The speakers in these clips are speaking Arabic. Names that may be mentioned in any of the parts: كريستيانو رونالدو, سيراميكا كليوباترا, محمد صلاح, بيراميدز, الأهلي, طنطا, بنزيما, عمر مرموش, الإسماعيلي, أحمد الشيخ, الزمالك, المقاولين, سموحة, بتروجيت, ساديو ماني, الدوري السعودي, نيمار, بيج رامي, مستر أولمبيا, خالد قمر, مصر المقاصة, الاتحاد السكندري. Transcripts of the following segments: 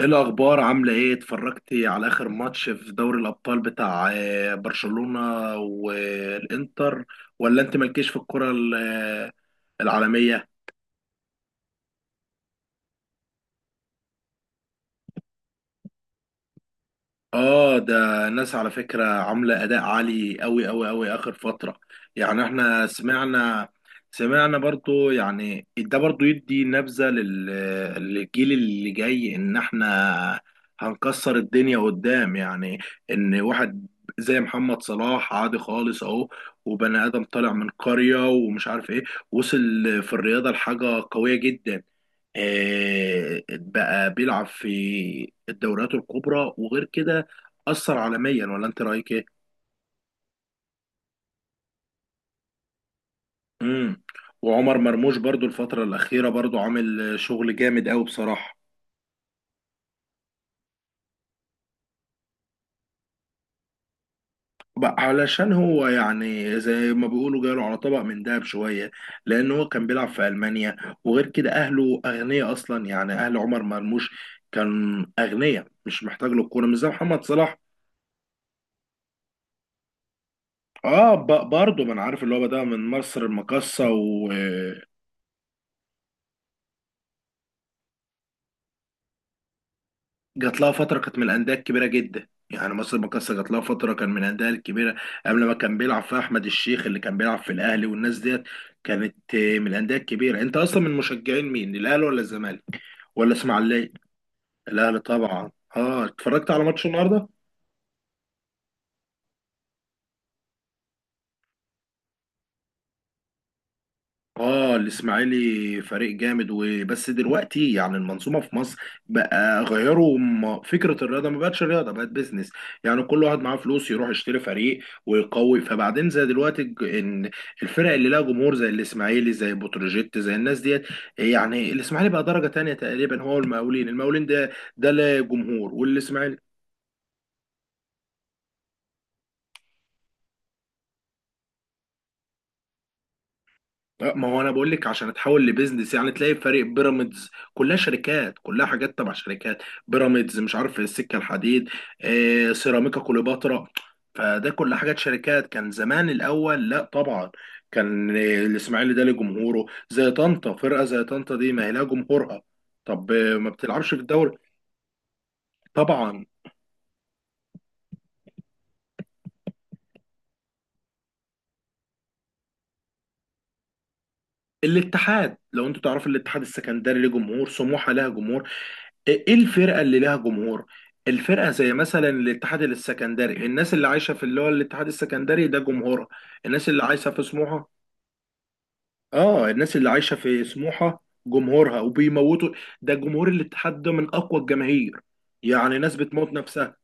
ايه الاخبار، عامله ايه؟ اتفرجتي على اخر ماتش في دوري الابطال بتاع برشلونه والانتر؟ ولا انت مالكيش في الكره العالميه؟ اه، ده ناس على فكرة عاملة أداء عالي أوي أوي أوي آخر فترة. يعني احنا سمعنا برضو، يعني ده برضو يدي نبذة للجيل اللي جاي، إن احنا هنكسر الدنيا قدام، يعني إن واحد زي محمد صلاح عادي خالص أهو، وبني آدم طالع من قرية ومش عارف إيه، وصل في الرياضة لحاجة قوية جدا. بقى بيلعب في الدوريات الكبرى وغير كده، أثر عالميا. ولا أنت رأيك إيه؟ امم. وعمر مرموش برضو الفترة الأخيرة برضو عامل شغل جامد أوي بصراحة. بقى علشان هو يعني زي ما بيقولوا جاله على طبق من دهب شوية، لأن هو كان بيلعب في ألمانيا، وغير كده أهله أغنياء أصلا. يعني أهل عمر مرموش كان أغنياء، مش محتاج له الكورة، مش زي محمد صلاح. اه، برضه ما انا عارف اللي هو بدأ من مصر المقاصة. جات لها فترة كانت من الأندية الكبيرة جدا، يعني مصر المقاصة جات لها فترة كان من الأندية الكبيرة، قبل ما كان بيلعب فيها أحمد الشيخ اللي كان بيلعب في الأهلي والناس ديت. كانت من الأندية الكبيرة. أنت أصلا من مشجعين مين، الأهلي ولا الزمالك ولا إسماعيلية؟ الأهلي طبعا. أه، اتفرجت على ماتش النهاردة. اه، الاسماعيلي فريق جامد. وبس دلوقتي يعني المنظومه في مصر بقى غيروا فكره الرياضه، ما بقتش رياضه، بقت بيزنس. يعني كل واحد معاه فلوس يروح يشتري فريق ويقوي، فبعدين زي دلوقتي ان الفرق اللي لها جمهور زي الاسماعيلي زي بتروجيت زي الناس ديت. يعني الاسماعيلي بقى درجه تانية تقريبا، هو المقاولين. المقاولين ده لا جمهور، والاسماعيلي. ما هو انا بقول لك، عشان تحول لبيزنس، يعني تلاقي فريق بيراميدز كلها شركات، كلها حاجات تبع شركات، بيراميدز مش عارف، السكه الحديد، سيراميكا كليوباترا، فده كل حاجات شركات. كان زمان الاول لا طبعا، كان الاسماعيلي ده ليه جمهوره، زي طنطا، فرقه زي طنطا دي ما هي لها جمهورها. طب ما بتلعبش في الدوري. طبعا. الاتحاد، لو انتوا تعرفوا الاتحاد السكندري ليه جمهور، سموحه لها جمهور. ايه، إيه الفرقه اللي لها جمهور؟ الفرقه زي مثلا الاتحاد السكندري، الناس اللي عايشه في اللي هو الاتحاد السكندري ده جمهورها الناس اللي عايشه في سموحه. اه، الناس اللي عايشه في سموحه جمهورها، وبيموتوا. ده جمهور الاتحاد، ده من اقوى الجماهير، يعني ناس بتموت نفسها.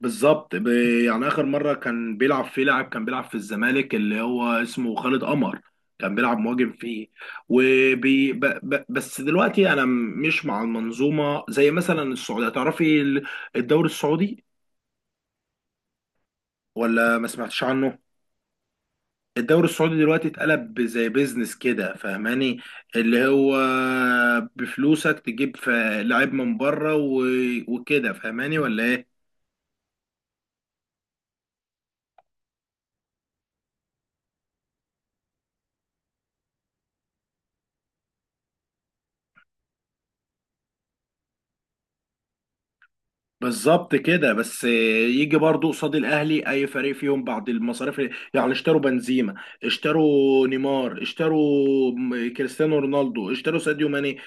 بالظبط. يعني اخر مره كان بيلعب فيه لاعب كان بيلعب في الزمالك اللي هو اسمه خالد قمر، كان بيلعب مهاجم فيه. وبي ب ب بس دلوقتي انا مش مع المنظومه. زي مثلا السعوديه، تعرفي الدوري السعودي ولا ما سمعتش عنه؟ الدوري السعودي دلوقتي اتقلب زي بيزنس كده، فاهماني؟ اللي هو بفلوسك تجيب لعيب من بره وكده، فاهماني ولا ايه؟ بالظبط كده، بس يجي برضو قصاد الاهلي اي فريق فيهم بعد المصاريف. يعني اشتروا بنزيما، اشتروا نيمار، اشتروا كريستيانو رونالدو، اشتروا ساديو ماني.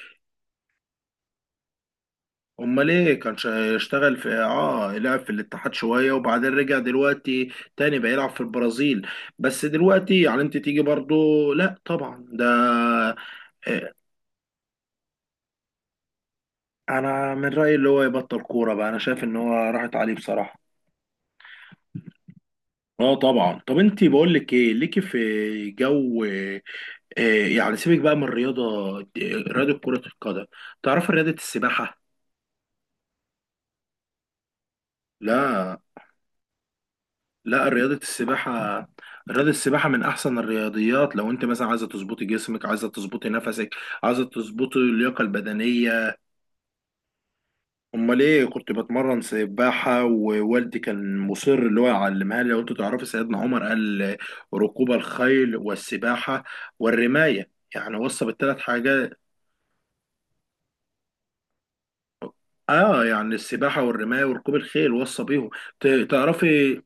امال ايه، كان اشتغل في، اه، لعب في الاتحاد شويه، وبعدين رجع دلوقتي تاني بقى يلعب في البرازيل. بس دلوقتي يعني انت تيجي برضو، لا طبعا ده. اه، انا من رايي اللي هو يبطل كوره بقى، انا شايف ان هو راحت عليه بصراحه. اه طبعا. طب انت بقول لك ايه، ليكي في جو إيه، يعني سيبك بقى من الرياضة، رياضة كرة القدم، تعرف رياضة السباحة؟ لا، لا رياضة السباحة. رياضة السباحة من أحسن الرياضيات، لو أنت مثلا عايزة تظبطي جسمك، عايزة تظبطي نفسك، عايزة تظبطي اللياقة البدنية. أمال إيه، كنت بتمرن سباحة، ووالدي كان مصر اللي هو يعلمها لي. لو أنتوا تعرفوا سيدنا عمر قال: ركوب الخيل والسباحة والرماية، يعني وصى بالثلاث حاجات. اه، يعني السباحه والرمايه وركوب الخيل وصى بيهم. تعرفي.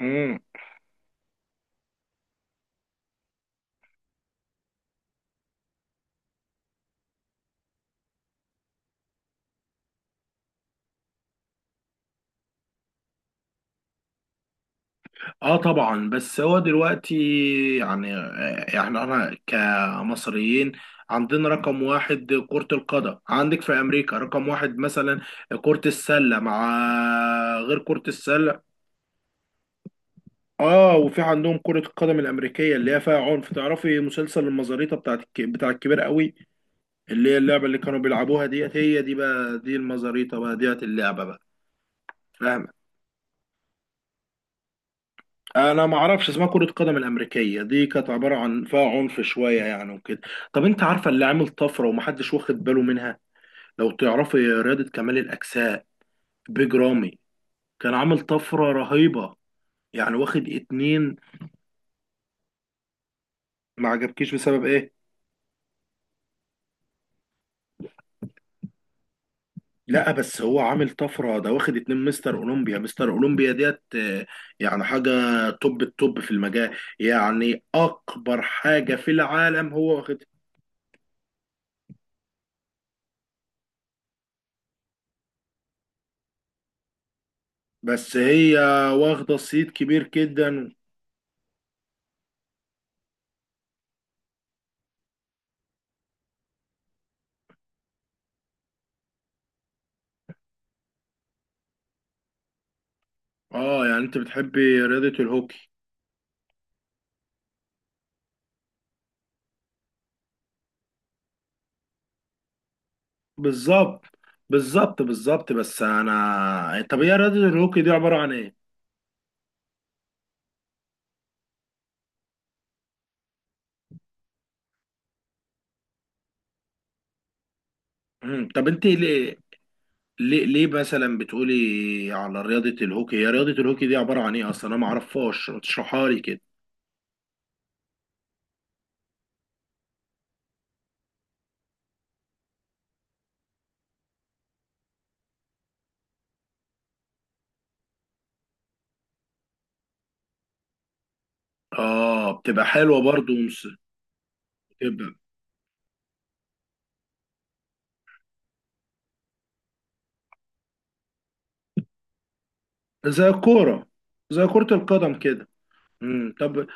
مم. اه طبعا، بس هو دلوقتي يعني، يعني انا كمصريين عندنا رقم واحد كرة القدم. عندك في امريكا رقم واحد مثلا كرة السلة، مع، غير كرة السلة. اه، وفي عندهم كرة القدم الامريكية اللي هي فيها عنف. تعرفي مسلسل المزاريطة بتاعت بتاع الكبير قوي؟ اللي هي اللعبة اللي كانوا بيلعبوها ديت، هي دي بقى دي المزاريطة بقى ديت اللعبة بقى. فاهم. انا ما اعرفش اسمها، كرة قدم الامريكية دي كانت عبارة عن فيها عنف شوية يعني وكده. طب انت عارفة اللي عامل طفرة ومحدش واخد باله منها؟ لو تعرفي رياضة كمال الاجساء، بيج رامي كان عامل طفرة رهيبة. يعني واخد 2. ما عجبكيش بسبب ايه؟ لا، بس هو عامل طفرة، ده واخد 2 مستر اولمبيا. مستر اولمبيا ديت يعني حاجة، توب التوب في المجال، يعني اكبر حاجة في العالم هو واخد. بس هي واخدة صيت كبير جدا. اه، يعني انت بتحبي رياضة الهوكي. بالظبط بالظبط بالظبط، بس انا، طب هي رياضة الهوكي دي عبارة عن ايه؟ مم. طب انت ليه مثلا بتقولي على رياضة الهوكي، هي رياضة الهوكي دي عبارة عن ايه اصلا، انا معرفهاش، ما تشرحها لي كده. اه بتبقى حلوة برضو. بتبقى زي الكورة، زي كرة القدم كده. مم.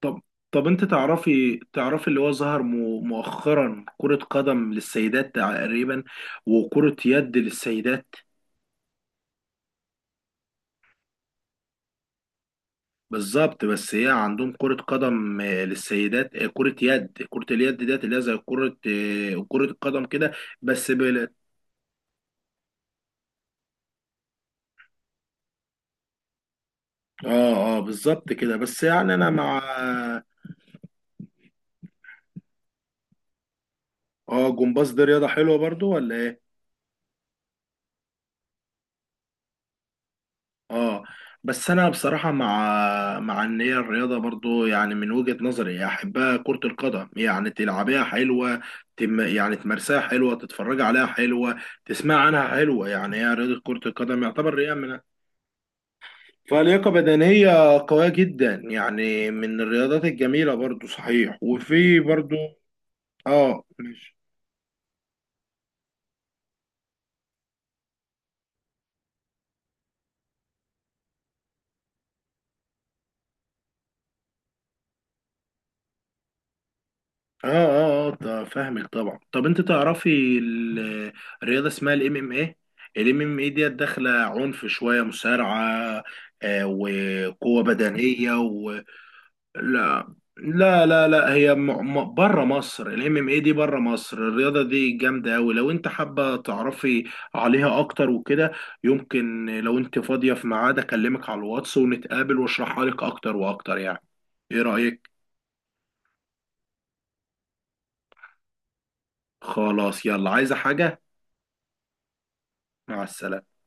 طب طب انت تعرفي اللي هو ظهر مؤخرا كرة قدم للسيدات تقريبا، وكرة يد للسيدات. بالظبط، بس هي عندهم كرة قدم للسيدات، كرة يد. كرة اليد ديت اللي هي زي كرة كرة القدم كده. بس بالظبط كده، بس يعني انا مع. اه، جمباز دي رياضة حلوة برضو ولا ايه؟ اه بس انا بصراحه مع ان هي الرياضه برضو يعني من وجهه نظري احبها كره القدم، يعني تلعبيها حلوه، تم يعني تمارسها حلوه، تتفرج عليها حلوه، تسمع عنها حلوه، يعني هي رياضه كره القدم يعتبر رياضه من، فلياقه بدنيه قويه جدا، يعني من الرياضات الجميله برضو صحيح. وفي برضو، اه ماشي. اه اه اه طب فاهمك طبعا. طب انت تعرفي الرياضه اسمها الMMA. الام ام ايه ديت داخله عنف شويه، مصارعه وقوه بدنيه و... لا، لا لا لا، هي بره مصر. الMMA دي بره مصر، الرياضه دي جامده قوي. لو انت حابه تعرفي عليها اكتر وكده، يمكن لو انت فاضيه في ميعاد اكلمك على الواتس ونتقابل واشرحها لك اكتر واكتر، يعني، ايه رايك؟ خلاص، يلا عايزه حاجه. مع السلامه.